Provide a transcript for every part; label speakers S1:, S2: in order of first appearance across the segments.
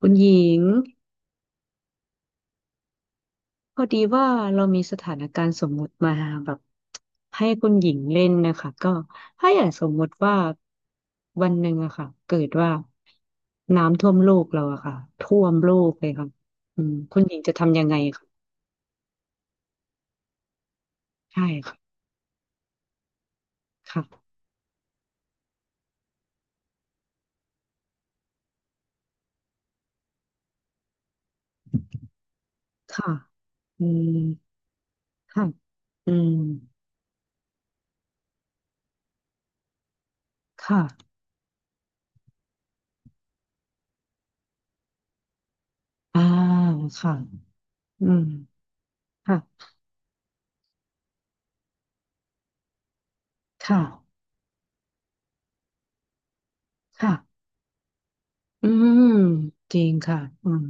S1: คุณหญิงพอดีว่าเรามีสถานการณ์สมมุติมาแบบให้คุณหญิงเล่นนะคะก็ถ้าอย่างสมมุติว่าวันหนึ่งอะค่ะเกิดว่าน้ำท่วมโลกเราอะค่ะท่วมโลกเลยค่ะอืมคุณหญิงจะทำยังไงค่ะใช่ค่ะค่ะค่ะอืมค่ะอืมค่ะอ่าค่ะอืมค่ะค่ะค่ะอืมจริงค่ะอืม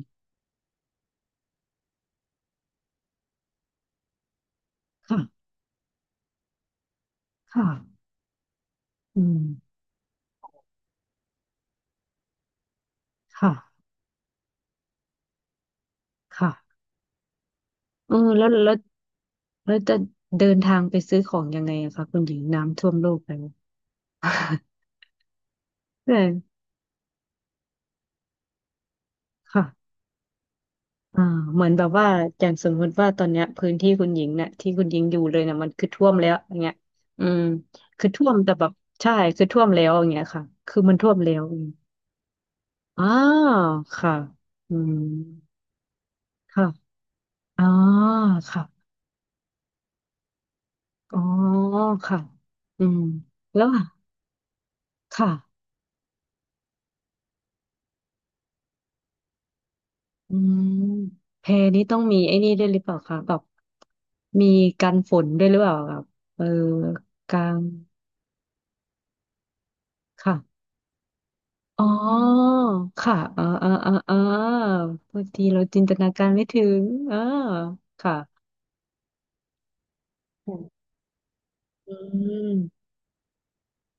S1: ค่ะค่ะอืม ค่ะค่ะเออแล้วจะเดินทางไปซื้อของยังไงอะคะคุณหญิงน้ำท่วมโลกแล้ว ใช่ค่ะอ่าเหมือนแบบว่าอย่างสมมติว่าตอนเนี้ยพื้นที่คุณหญิงเนี่ยที่คุณหญิงอยู่เลยเนี่ยมันคือท่วมแล้วอย่างเงี้ยอืมคือท่วมแต่แบบใช่คือท่วมแล้วอย่างเงี้ยค่ะคือมันท่วมแล้วอย่างเงี้ยอ่าวค่ะอืมค่ะอ๋อค่ะอ๋อค่ะอืมแล้วค่ะ อืมแพนี้ต้องมีไอ้นี่ด้วยหรือเปล่าคะแบบมีกันฝนด้วยหรือเปล่าครับเออกลางค่ะอ๋อค่ะเออบางทีเราจินตนาการไม่ถึงเออค่ะอืมอืม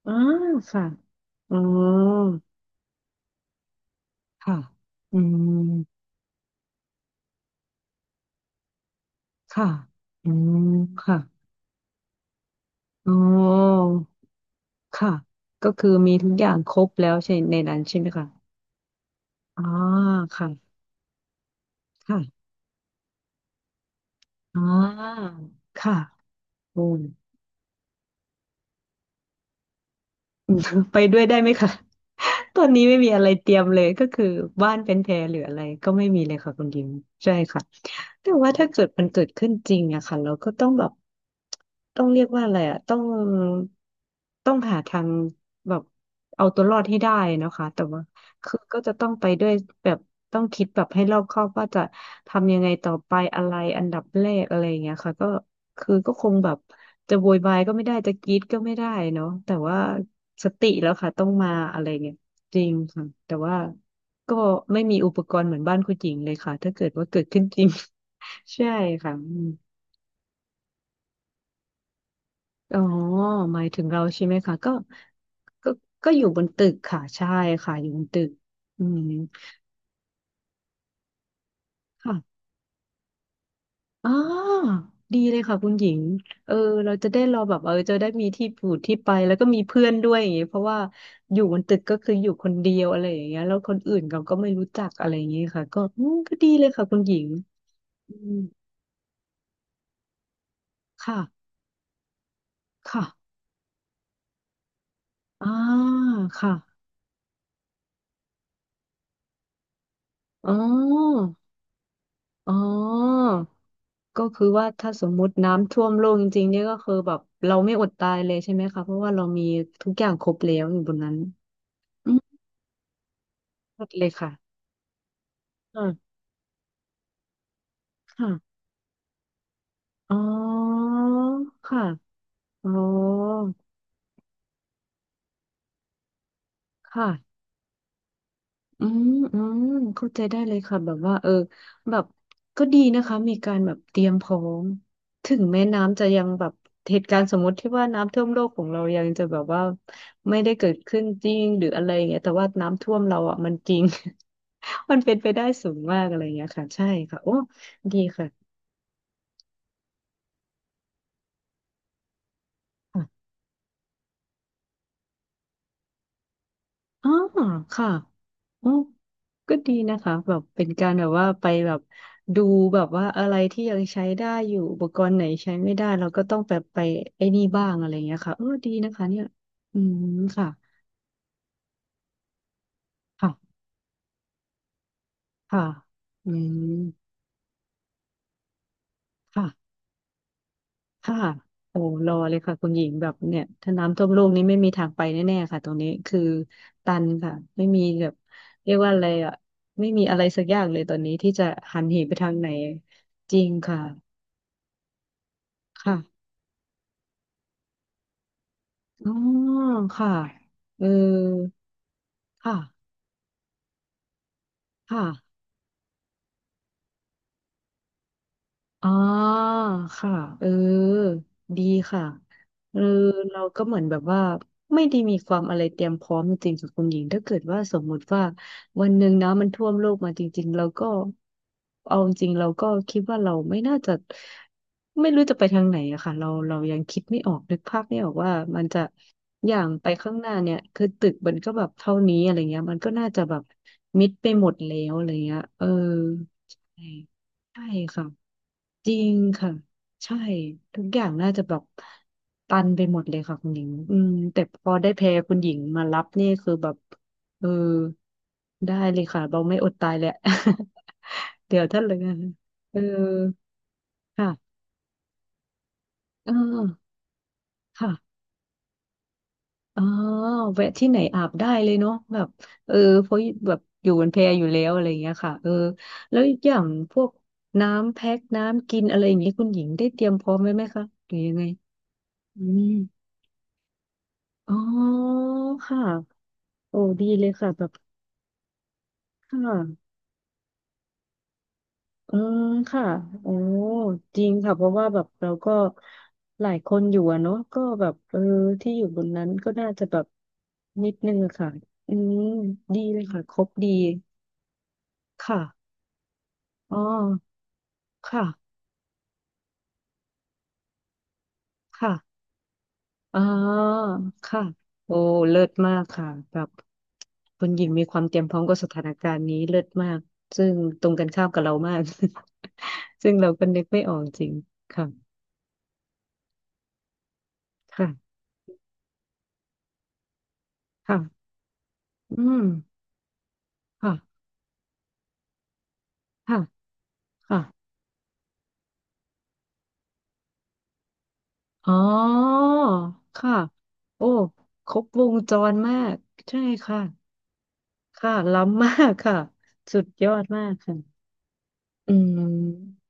S1: อ๋อค่ะอ๋อค่ะอืมค่ะอืมค่ะอ๋อค่ะก็คือมีทุกอย่างครบแล้วใช่ในนั้นใช่ไหมคะอ๋อค่ะค่ะ อ่าค่ะโอ้ ยอืม ไปด้วยได้ไหมคะ ตอนนี้ไม่มีอะไรเตรียมเลยก็คือบ้านเป็นแพหรืออะไรก็ไม่มีเลยค่ะคุณยิมใช่ค่ะแต่ว่าถ้าเกิดมันเกิดขึ้นจริงอะค่ะเราก็ต้องแบบต้องเรียกว่าอะไรอะต้องหาทางแบบเอาตัวรอดให้ได้นะคะแต่ว่าคือก็จะต้องไปด้วยแบบต้องคิดแบบให้รอบคอบว่าจะทำยังไงต่อไปอะไรอันดับแรกอะไรอย่างเงี้ยค่ะก็คือก็คงแบบ จะโวยวายก็ไม่ได้จะกรี๊ดก็ไม่ได้เนาะแต่ว่าสติแล้วค่ะต้องมาอะไรเงี้ยจริงค่ะแต่ว่าก็ไม่มีอุปกรณ์เหมือนบ้านคุณหญิงเลยค่ะถ้าเกิดว่าเกิดขึ้นจริง ใช่ค่ะอืมอ๋อหมายถึงเราใช่ไหมคะก็ก็อยู่บนตึกค่ะใช่ค่ะอยู่บนตึกอืมค่ะ อ๋อดีเลยค่ะคุณหญิงเออเราจะได้รอแบบเออจะได้มีที่อยู่ที่ไปแล้วก็มีเพื่อนด้วยอย่างเงี้ยเพราะว่าอยู่บนตึกก็คืออยู่คนเดียวอะไรอย่างเงี้ยแล้วคนอื่นเราก็ไม่รู้จักอะไรอย่างเงี้ยค่ะก็อืมก็ดีเลยค่ะคุณหญิงอืมค่ะค่ะอ่าค่ะอ๋ออ๋อก็คือว่าถ้าสมมุติน้ำท่วมโลกจริงๆเนี่ยก็คือแบบเราไม่อดตายเลยใช่ไหมคะเพราะว่าเรามีทุกอย่างครบแล้วอยู่บนนั้นอืมหมดเลยค่ะค่ะ อ๋อค่ะอ๋อค่ะอืมเข้าใจได้เลยค่ะแบบว่าเออแบบก็ดีนะคะมีการแบบเตรียมพร้อมถึงแม้น้ำจะยังแบบเหตุการณ์สมมติที่ว่าน้ำท่วมโลกของเรายังจะแบบว่าไม่ได้เกิดขึ้นจริงหรืออะไรอย่างเงี้ยแต่ว่าน้ำท่วมเราอ่ะมันจริง มันเป็นไปได้สูงมากอะไรอย่างเงี้ยค่ะใช่ค่ะโอ้ดีค่ะ อ๋อค่ะอ๋อก็ดีนะคะแบบเป็นการแบบว่าไปแบบดูแบบว่าอะไรที่ยังใช้ได้อยู่อุปกรณ์ไหนใช้ไม่ได้เราก็ต้องแบบไปไอ้นี่บ้างอะไรอย่างเงี้ยค่ะเออดีนะคะเนี่ยอืมค่ะค่ะค่ะอืมค่ะค่ะโอ้รอเลยค่ะคุณหญิงแบบเนี่ยถ้าน้ำท่วมโลกนี้ไม่มีทางไปแน่ๆค่ะตรงนี้คือตันค่ะไม่มีแบบเรียกว่าอะไรอ่ะไม่มีอะไรสักอย่างเลยตอนนี้ที่จะหันเหไปทางไหนจริงค่ะ ค่ะอ๋อค่ะเออค่ะค่ะ อ๋อค่ะเออดีค่ะเออเราก็เหมือนแบบว่าไม่ได้มีความอะไรเตรียมพร้อมจริงๆกับคุณหญิงถ้าเกิดว่าสมมุติว่าวันหนึ่งนะมันท่วมโลกมาจริงๆเราก็เอาจริงเราก็คิดว่าเราไม่น่าจะไม่รู้จะไปทางไหนอะค่ะเรายังคิดไม่ออกนึกภาพไม่ออกว่ามันจะอย่างไปข้างหน้าเนี่ยคือตึกมันก็แบบเท่านี้อะไรเงี้ยมันก็น่าจะแบบมิดไปหมดแล้วอะไรเงี้ยเออใช่ใช่ค่ะ จริงค่ะใช่ทุกอย่างน่าจะแบบตันไปหมดเลยค่ะคุณหญิงอืมแต่พอได้แพรคุณหญิงมารับนี่คือแบบเออได้เลยค่ะเราไม่อดตายแหละ เดี๋ยวถ้าเลยเออค่ะเออค่ะอ๋อแวะที่ไหนอาบได้เลยเนาะแบบเออเพราะแบบอยู่บนแพอยู่แล้วอะไรอย่างเงี้ยค่ะเออแล้วอย่างพวกน้ำแพ็คน้ำกินอะไรอย่างเงี้ยคุณหญิงได้เตรียมพร้อมไว้ไหมคะหรือยังไงอืม อ๋อค่ะ โอ้ดีเลยค่ะแบบ ค่ะ อืมค่ะโอ้จริงค่ะเพราะว่าแบบเราก็หลายคนอยู่อะเนาะก็แบบเออที่อยู่บนนั้นก็น่าจะแบบนิดนึงอะค่ะ อืมดีเลยค่ะครบดี ค่ะ อ๋อ ค่ะ ค่ะ อ๋อค่ะโอ้เลิศมากค่ะแบบคุณหญิงมีความเตรียมพร้อมกับสถานการณ์นี้เลิศมาก ซึ่งตรงกันข้ามกับเรามาก ซึ่งเราก็นึกไม่ออกจริงค่ะค่ะค่ะอืมค่ะค่ะค่ะอ๋อค่ะโอ้ครบวงจรมาก ใช่ค่ะค่ะ ล้ำมากค่ะ สุดยอดมากค่ะ อืม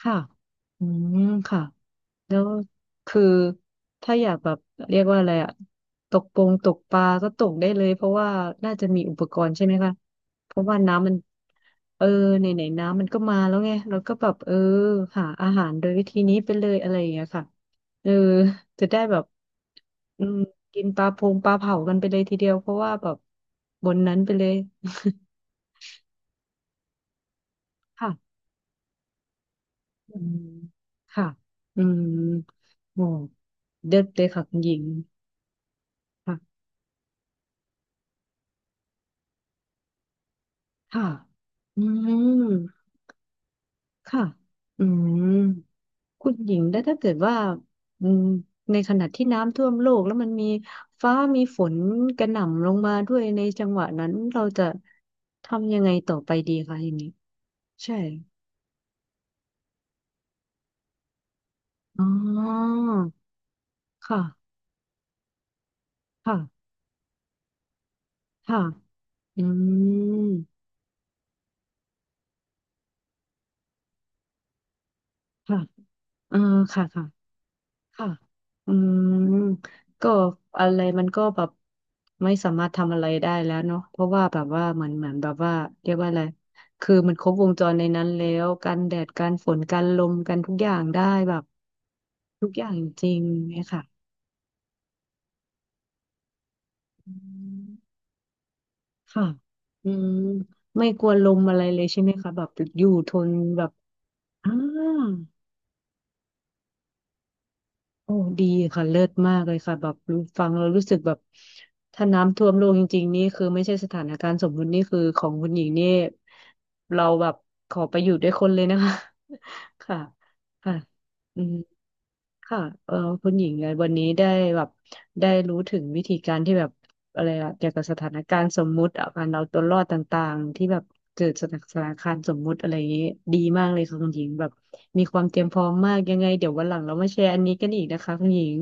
S1: ค่ะอืมค่ะ แล้วคือถ้าอยากแบบเรียกว่าอะไรอะตกปงตกปลาก็ตกได้เลยเพราะว่าน่าจะมีอุปกรณ์ใช่ไหมคะเพราะว่าน้ำมันเออไหนไหนน้ำมันก็มาแล้วไงเราก็แบบเออหาอาหารโดยวิธีนี้ไปเลยอะไรอย่างเงี้ยค่ะเออจะได้แบบอืมกินปลาพงปลาเผากันไปเลยทีเดียวเพราะว่าแบบบนนั้นไปเลย ค่ะอืมค่ะอืมโอ้เด็ดเลยค่ะคุณหญิง ค่ะอืมค่ะอืมคุณหญิงแล้วถ้าเกิดว่าอืมในขณะที่น้ำท่วมโลกแล้วมันมีฟ้ามีฝนกระหน่ำลงมาด้วยในจังหวะนั้นเราจะทำยังไงต่อไปดีคะอย่างนี้ใช่อ๋อค่ะ ค่ะ ค่ะอืมค่ะเออค่ะค่ะ ค่ะอืมก็อะไรมันก็แบบไม่สามารถทำอะไรได้แล้วเนาะเพราะว่าแบบว่าเหมือนแบบว่าเรียกว่าอะไรคือมันครบวงจรในนั้นแล้วกันแดดกันฝนกันลมกันทุกอย่างได้แบบทุกอย่างจริงเนี่ยค่ะอืมค่ะอืมไม่กลัวลมอะไรเลยใช่ไหมคะแบบอยู่ทนแบบอ่า โอ้ดีค่ะเลิศมากเลยค่ะแบบรู้ฟังเรารู้สึกแบบถ้าน้ำท่วมโลกจริงๆนี่คือไม่ใช่สถานการณ์สมมุตินี่คือของคุณหญิงนี่เราแบบขอไปอยู่ด้วยคนเลยนะคะ ค่ะค่ะอืม ค่ะเออคุณหญิงไงวันนี้ได้แบบได้รู้ถึงวิธีการที่แบบอะไรอะเกี่ยวกับสถานการณ์สมมุติอะการเอาตัวรอดต่างๆที่แบบเกิดสถานการณ์สมมุติอะไรอย่างนี้ดีมากเลยค่ะคุณหญิงแบบมีความเตรียมพร้อมมากยังไงเดี๋ยววันหลังเรามาแชร์อันนี้กันอีกนะคะคุณหญิง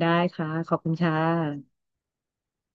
S1: ได้ค่ะขอบคุณค่ะ